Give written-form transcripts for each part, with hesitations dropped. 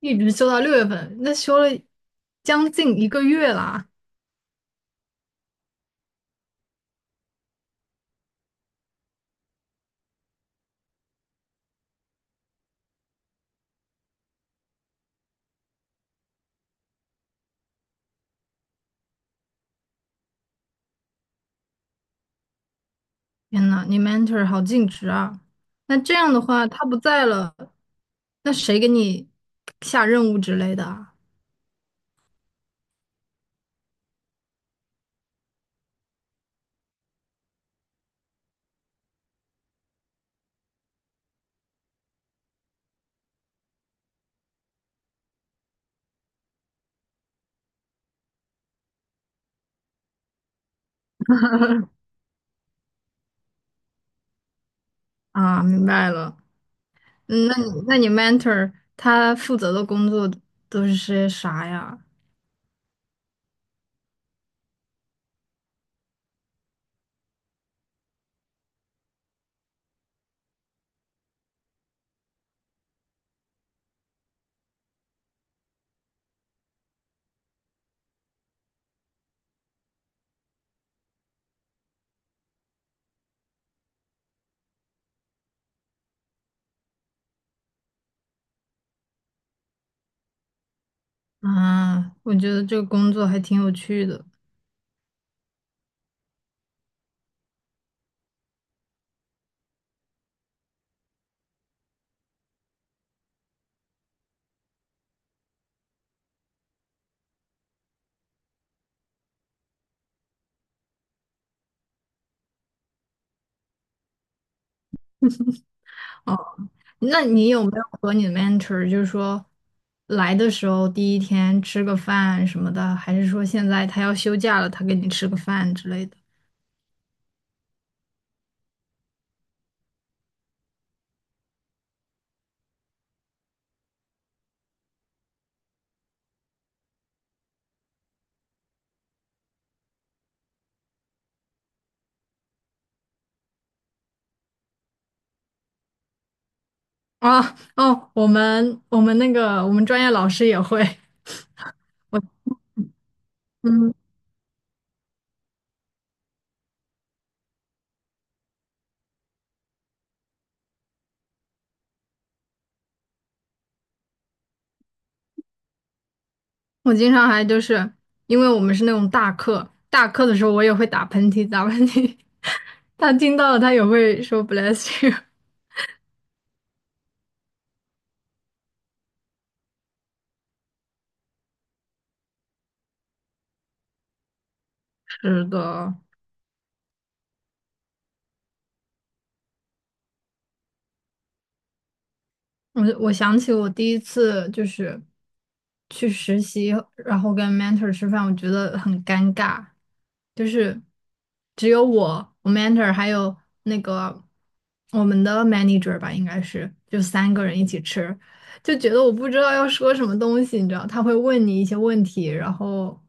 一直休到六月份，那休了将近一个月啦！天呐，你 mentor 好尽职啊！那这样的话，他不在了，那谁给你下任务之类的啊？啊，明白了。那你 mentor 他负责的工作都是些啥呀？啊，我觉得这个工作还挺有趣的。哦。那你有没有和你的 mentor 就是说来的时候第一天吃个饭什么的，还是说现在他要休假了，他给你吃个饭之类的？啊哦，我们专业老师也会，嗯，我经常还就是因为我们是那种大课，大课的时候我也会打喷嚏，打喷嚏，他听到了他也会说 bless you。是的。我我想起我第一次就是去实习，然后跟 mentor 吃饭，我觉得很尴尬，就是只有我、我 mentor 还有那个我们的 manager 吧，应该是就三个人一起吃，就觉得我不知道要说什么东西，你知道，他会问你一些问题，然后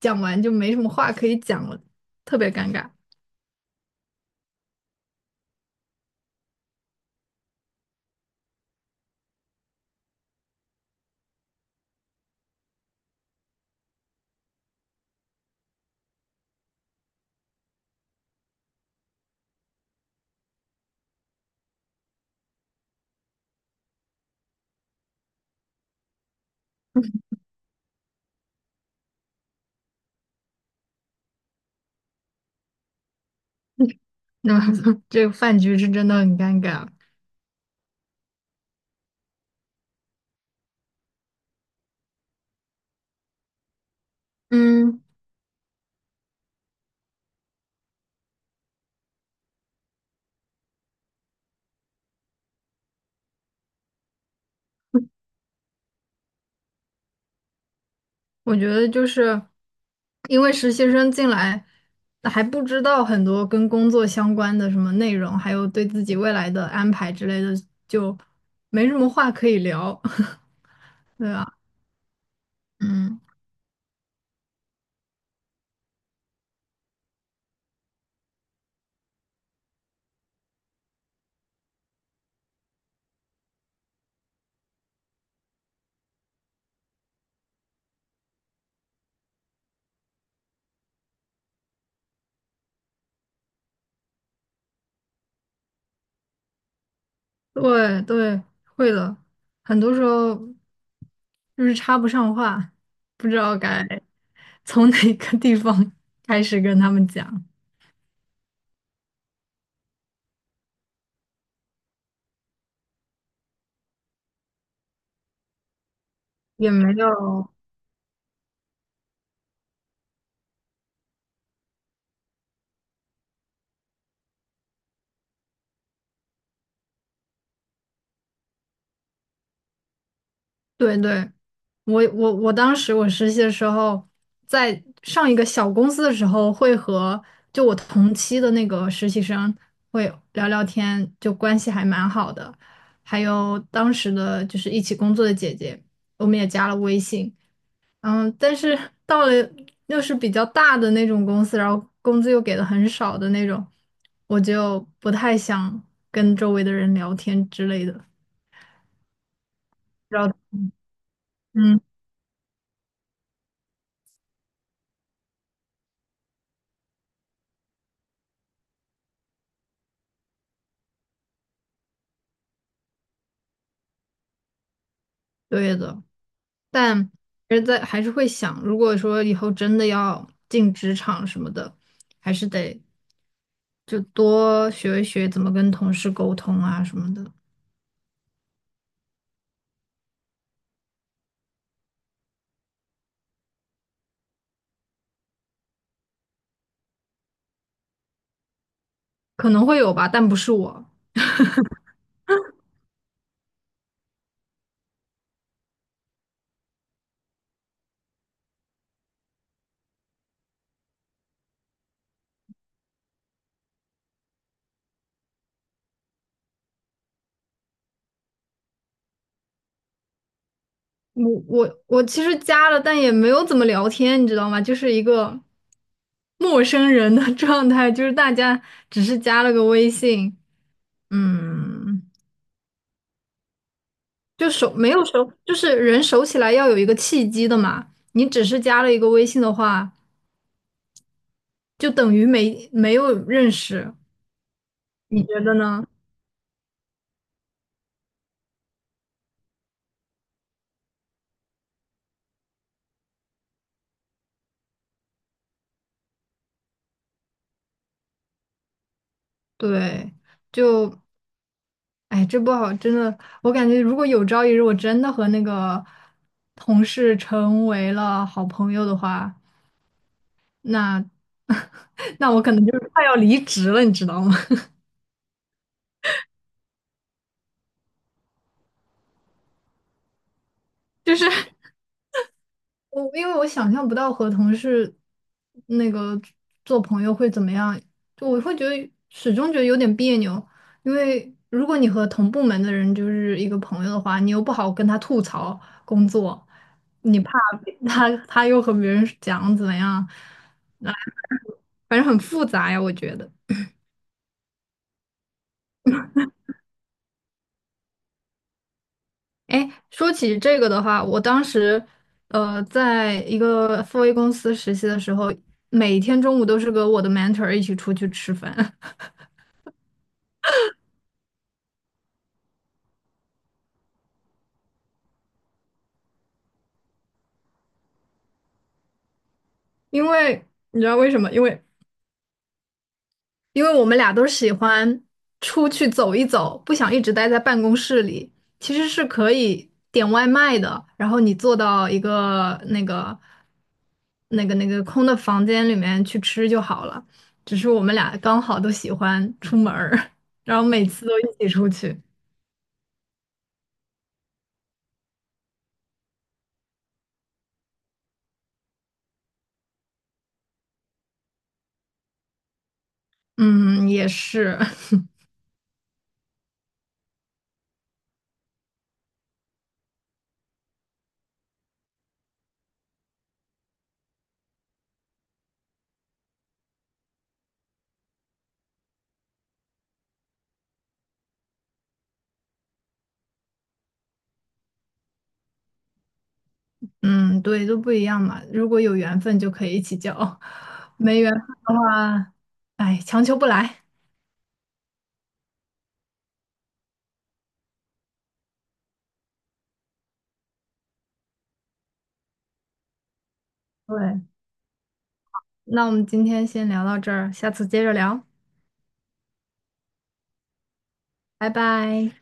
讲完就没什么话可以讲了，特别尴尬。那这个饭局是真的很尴尬。嗯，我觉得就是因为实习生进来还不知道很多跟工作相关的什么内容，还有对自己未来的安排之类的，就没什么话可以聊，对吧？嗯，对对，会的，很多时候就是插不上话，不知道该从哪个地方开始跟他们讲，也没有。对对，我当时实习的时候，在上一个小公司的时候，会和就我同期的那个实习生会聊聊天，就关系还蛮好的。还有当时的就是一起工作的姐姐，我们也加了微信。嗯，但是到了又是比较大的那种公司，然后工资又给的很少的那种，我就不太想跟周围的人聊天之类的。然后，嗯，对的。但还是在还是会想，如果说以后真的要进职场什么的，还是得就多学一学怎么跟同事沟通啊什么的，可能会有吧，但不是我。我其实加了，但也没有怎么聊天，你知道吗？就是一个陌生人的 状态，就是大家只是加了个微信，嗯，就熟没有熟，就是人熟起来要有一个契机的嘛。你只是加了一个微信的话。就等于没有认识，你觉得呢？对，就哎，这不好，真的，我感觉如果有朝一日我真的和那个同事成为了好朋友的话，那 那我可能就是快要离职了，你知道吗？就是。我因为我想象不到和同事那个做朋友会怎么样，就我会觉得始终觉得有点别扭，因为如果你和同部门的人就是一个朋友的话，你又不好跟他吐槽工作，你怕别他又和别人讲怎么样，反正很复杂呀，我觉得。哎，说起这个的话，我当时在一个 FA 公司实习的时候，每天中午都是跟我的 mentor 一起出去吃饭。因为你知道为什么？因为我们俩都喜欢出去走一走，不想一直待在办公室里。其实是可以点外卖的，然后你坐到一个那个空的房间里面去吃就好了。只是我们俩刚好都喜欢出门儿，然后每次都一起出去。嗯，也是，嗯，对，都不一样嘛。如果有缘分就可以一起交，没缘分的话，哎，强求不来。对。那我们今天先聊到这儿，下次接着聊，拜拜。